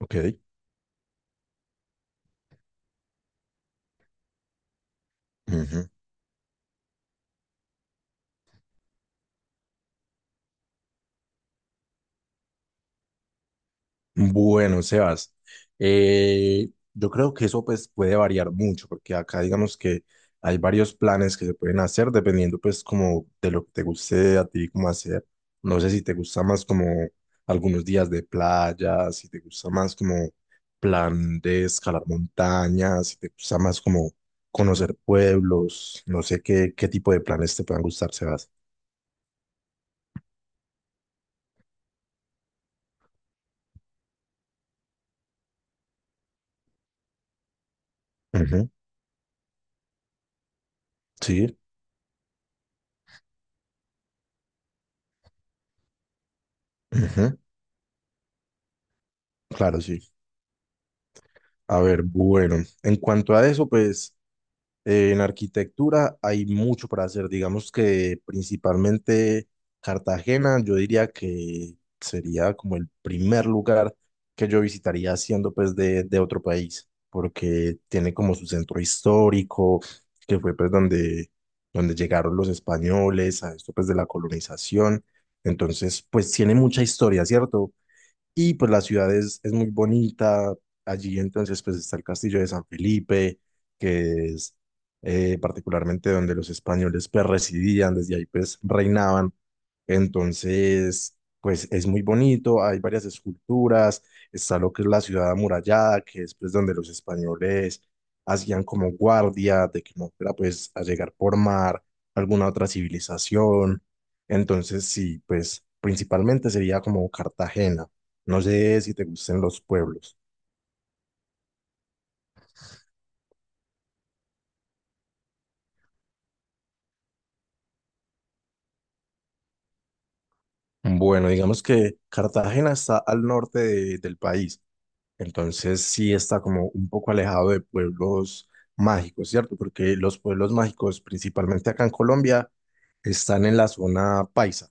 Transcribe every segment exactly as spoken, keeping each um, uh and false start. Ok. Ujú. Bueno, Sebas, eh, yo creo que eso pues puede variar mucho, porque acá digamos que hay varios planes que se pueden hacer dependiendo pues como de lo que te guste a ti como hacer. No sé si te gusta más como algunos días de playa, si te gusta más como plan de escalar montañas, si te gusta más como conocer pueblos, no sé qué, qué tipo de planes te puedan gustar, Sebas. Ujú. Sí, ujú. Claro, sí. A ver, bueno, en cuanto a eso, pues eh, en arquitectura hay mucho para hacer. Digamos que principalmente Cartagena, yo diría que sería como el primer lugar que yo visitaría siendo pues de, de otro país, porque tiene como su centro histórico, que fue pues donde, donde llegaron los españoles a esto pues de la colonización. Entonces, pues tiene mucha historia, ¿cierto? Y pues la ciudad es, es muy bonita. Allí entonces pues está el castillo de San Felipe, que es eh, particularmente donde los españoles pues residían, desde ahí pues reinaban. Entonces pues es muy bonito, hay varias esculturas, está lo que es la ciudad amurallada, que es pues donde los españoles hacían como guardia de que no fuera pues a llegar por mar alguna otra civilización. Entonces sí, pues principalmente sería como Cartagena. No sé si te gusten los pueblos. Bueno, digamos que Cartagena está al norte de- del país, entonces sí está como un poco alejado de pueblos mágicos, ¿cierto? Porque los pueblos mágicos, principalmente acá en Colombia, están en la zona paisa,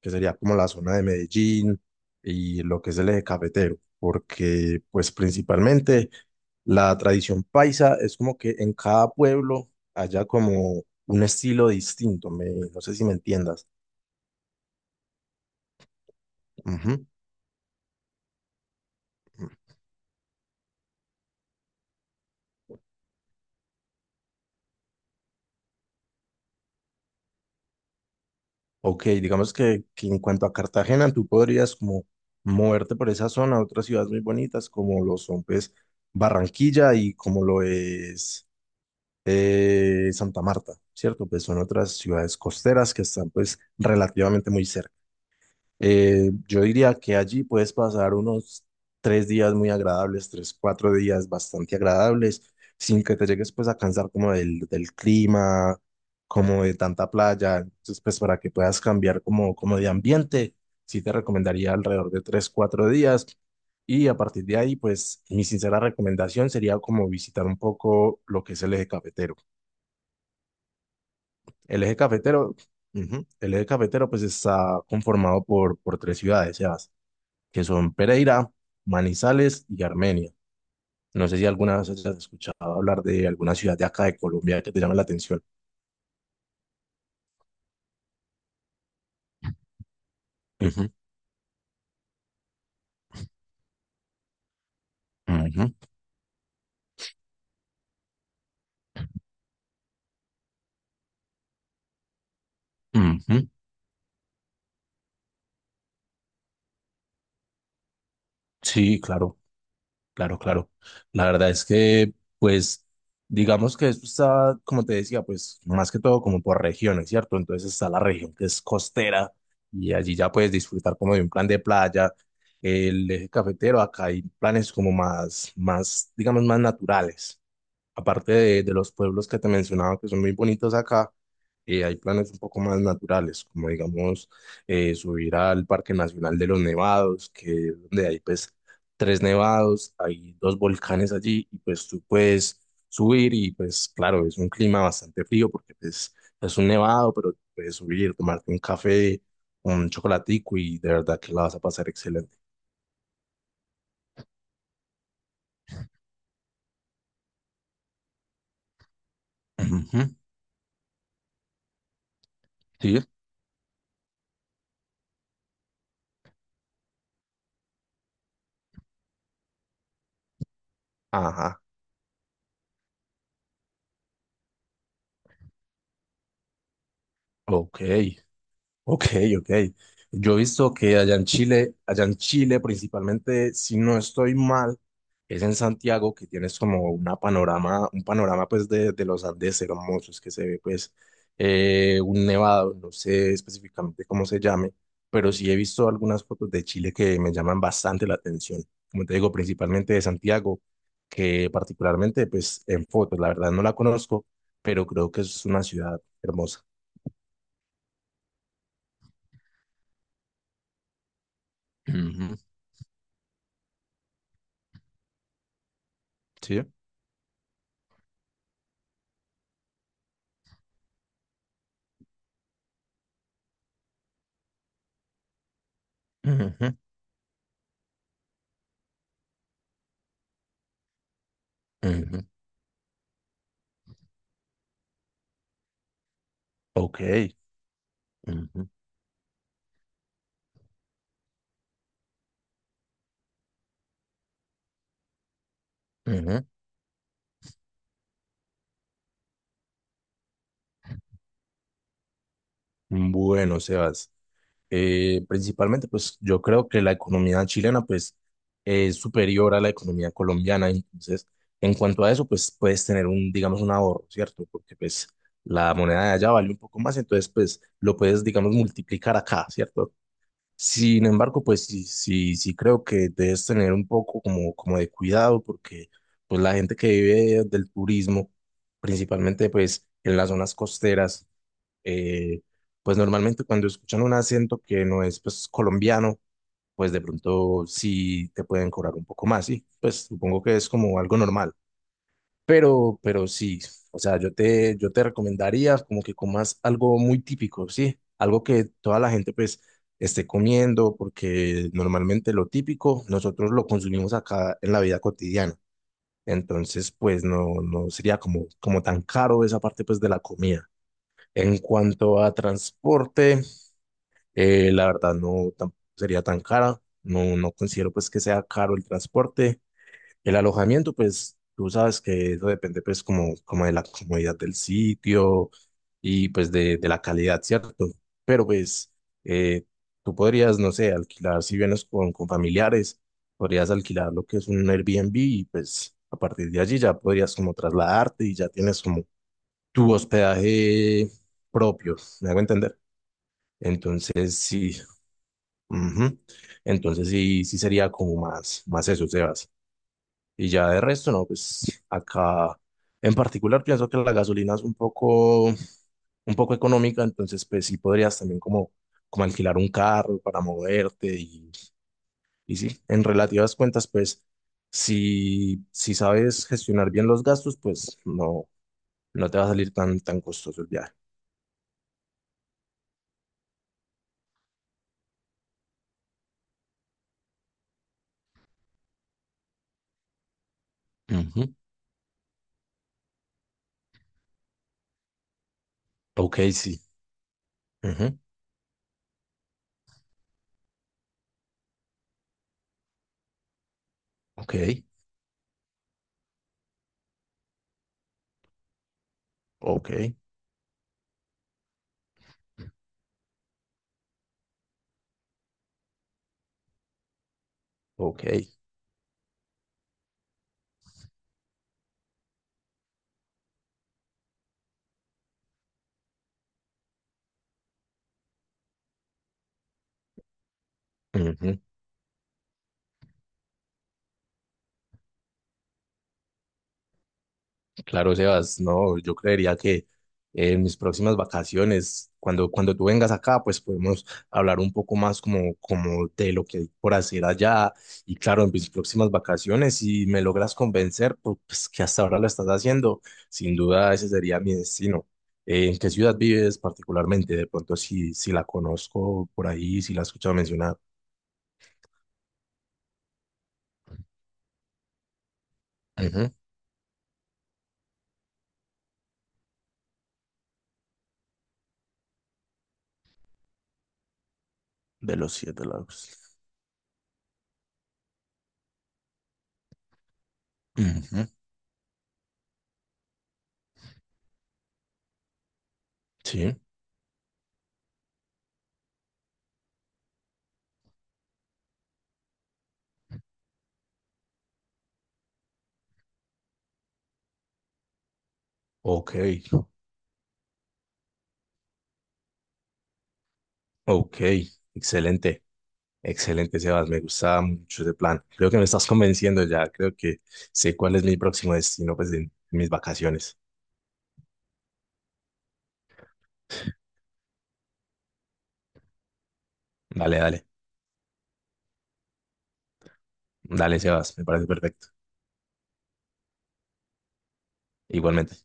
que sería como la zona de Medellín y lo que es el eje cafetero, porque pues principalmente la tradición paisa es como que en cada pueblo haya como un estilo distinto, me- no sé si me entiendas. Ujú. Ok, digamos que, que en cuanto a Cartagena, tú podrías como moverte por esa zona a otras ciudades muy bonitas como lo son pues Barranquilla y como lo es eh, Santa Marta, ¿cierto? Pues son otras ciudades costeras que están pues relativamente muy cerca. Eh, yo diría que allí puedes pasar unos tres días muy agradables, tres, cuatro días bastante agradables, sin que te llegues pues a cansar como del, del clima, como de tanta playa. Entonces pues para que puedas cambiar como, como de ambiente, sí te recomendaría alrededor de tres, cuatro días. Y a partir de ahí pues mi sincera recomendación sería como visitar un poco lo que es el eje cafetero. El eje cafetero, ujú, el eje cafetero pues está conformado por, por tres ciudades, ya que son Pereira, Manizales y Armenia. No sé si alguna vez has escuchado hablar de alguna ciudad de acá de Colombia que te llame la atención. Ujú, ujú, ujú. Sí, claro, claro, claro. La verdad es que, pues, digamos que esto está, como te decía, pues, más que todo como por regiones, ¿cierto? Entonces está la región que es costera y allí ya puedes disfrutar como de un plan de playa. El eje cafetero, acá hay planes como más, más, digamos, más naturales. Aparte de, de los pueblos que te mencionaba que son muy bonitos acá, eh, hay planes un poco más naturales, como digamos eh, subir al Parque Nacional de los Nevados, que es donde hay pues tres nevados, hay dos volcanes allí y pues tú puedes subir y pues claro, es un clima bastante frío porque pues es un nevado, pero puedes subir, tomarte un café, un chocolatico y de verdad que la vas a pasar excelente. Ujú, sí. Ajá, ok. Ok, ok. Yo he visto que allá en Chile, allá en Chile principalmente, si no estoy mal, es en Santiago que tienes como una panorama, un panorama pues de, de los Andes hermosos que se ve pues eh, un nevado, no sé específicamente cómo se llame, pero sí he visto algunas fotos de Chile que me llaman bastante la atención. Como te digo, principalmente de Santiago, que particularmente pues en fotos, la verdad no la conozco, pero creo que es una ciudad hermosa. Ujú, sí. Ujú. Ujú, ok. Ujú, ujú. Bueno, Sebas, eh, principalmente pues yo creo que la economía chilena pues es superior a la economía colombiana, entonces en cuanto a eso pues puedes tener un, digamos, un ahorro, ¿cierto? Porque pues la moneda de allá vale un poco más, entonces pues lo puedes, digamos, multiplicar acá, ¿cierto? Sin embargo, pues sí, sí, sí creo que debes tener un poco como, como de cuidado porque pues la gente que vive del turismo, principalmente pues en las zonas costeras, eh, pues normalmente cuando escuchan un acento que no es pues colombiano, pues de pronto sí te pueden cobrar un poco más, y pues supongo que es como algo normal. Pero, pero sí, o sea, yo te, yo te recomendaría como que comas algo muy típico, ¿sí? Algo que toda la gente pues esté comiendo, porque normalmente lo típico nosotros lo consumimos acá en la vida cotidiana. Entonces, pues no, no sería como, como tan caro esa parte pues de la comida. En cuanto a transporte, eh, la verdad no tam- sería tan cara. No, no considero pues que sea caro el transporte. El alojamiento, pues tú sabes que eso depende pues como, como de la comodidad del sitio y pues de, de la calidad, ¿cierto? Pero pues eh, tú podrías, no sé, alquilar, si vienes con, con familiares, podrías alquilar lo que es un Airbnb y pues a partir de allí ya podrías como trasladarte y ya tienes como tu hospedaje propio, ¿me hago entender? Entonces sí, ujú. Entonces sí, sí sería como más, más eso, Sebas. Y ya de resto, no, pues acá en particular pienso que la gasolina es un poco, un poco económica, entonces pues sí podrías también como, como alquilar un carro para moverte y, y sí, en relativas cuentas, pues si, si sabes gestionar bien los gastos, pues no, no te va a salir tan, tan costoso el viaje. Ujú. Ok, sí. Ujú, ok, ok, ok. Ujú. Claro, Sebas, no, yo creería que en mis próximas vacaciones, cuando, cuando tú vengas acá, pues podemos hablar un poco más como, como de lo que hay por hacer allá. Y claro, en mis próximas vacaciones, si me logras convencer, pu- pues que hasta ahora lo estás haciendo, sin duda ese sería mi destino. Eh, ¿En qué ciudad vives particularmente? De pronto, si, si la conozco por ahí, si la he escuchado mencionar. Ujú, de los siete lagos. Ujú, sí, ok, ok, excelente. Excelente, Sebas, me gustaba mucho ese plan. Creo que me estás convenciendo ya, creo que sé cuál es mi próximo destino, pues en mis vacaciones. Dale, dale, dale, Sebas, me parece perfecto. Igualmente.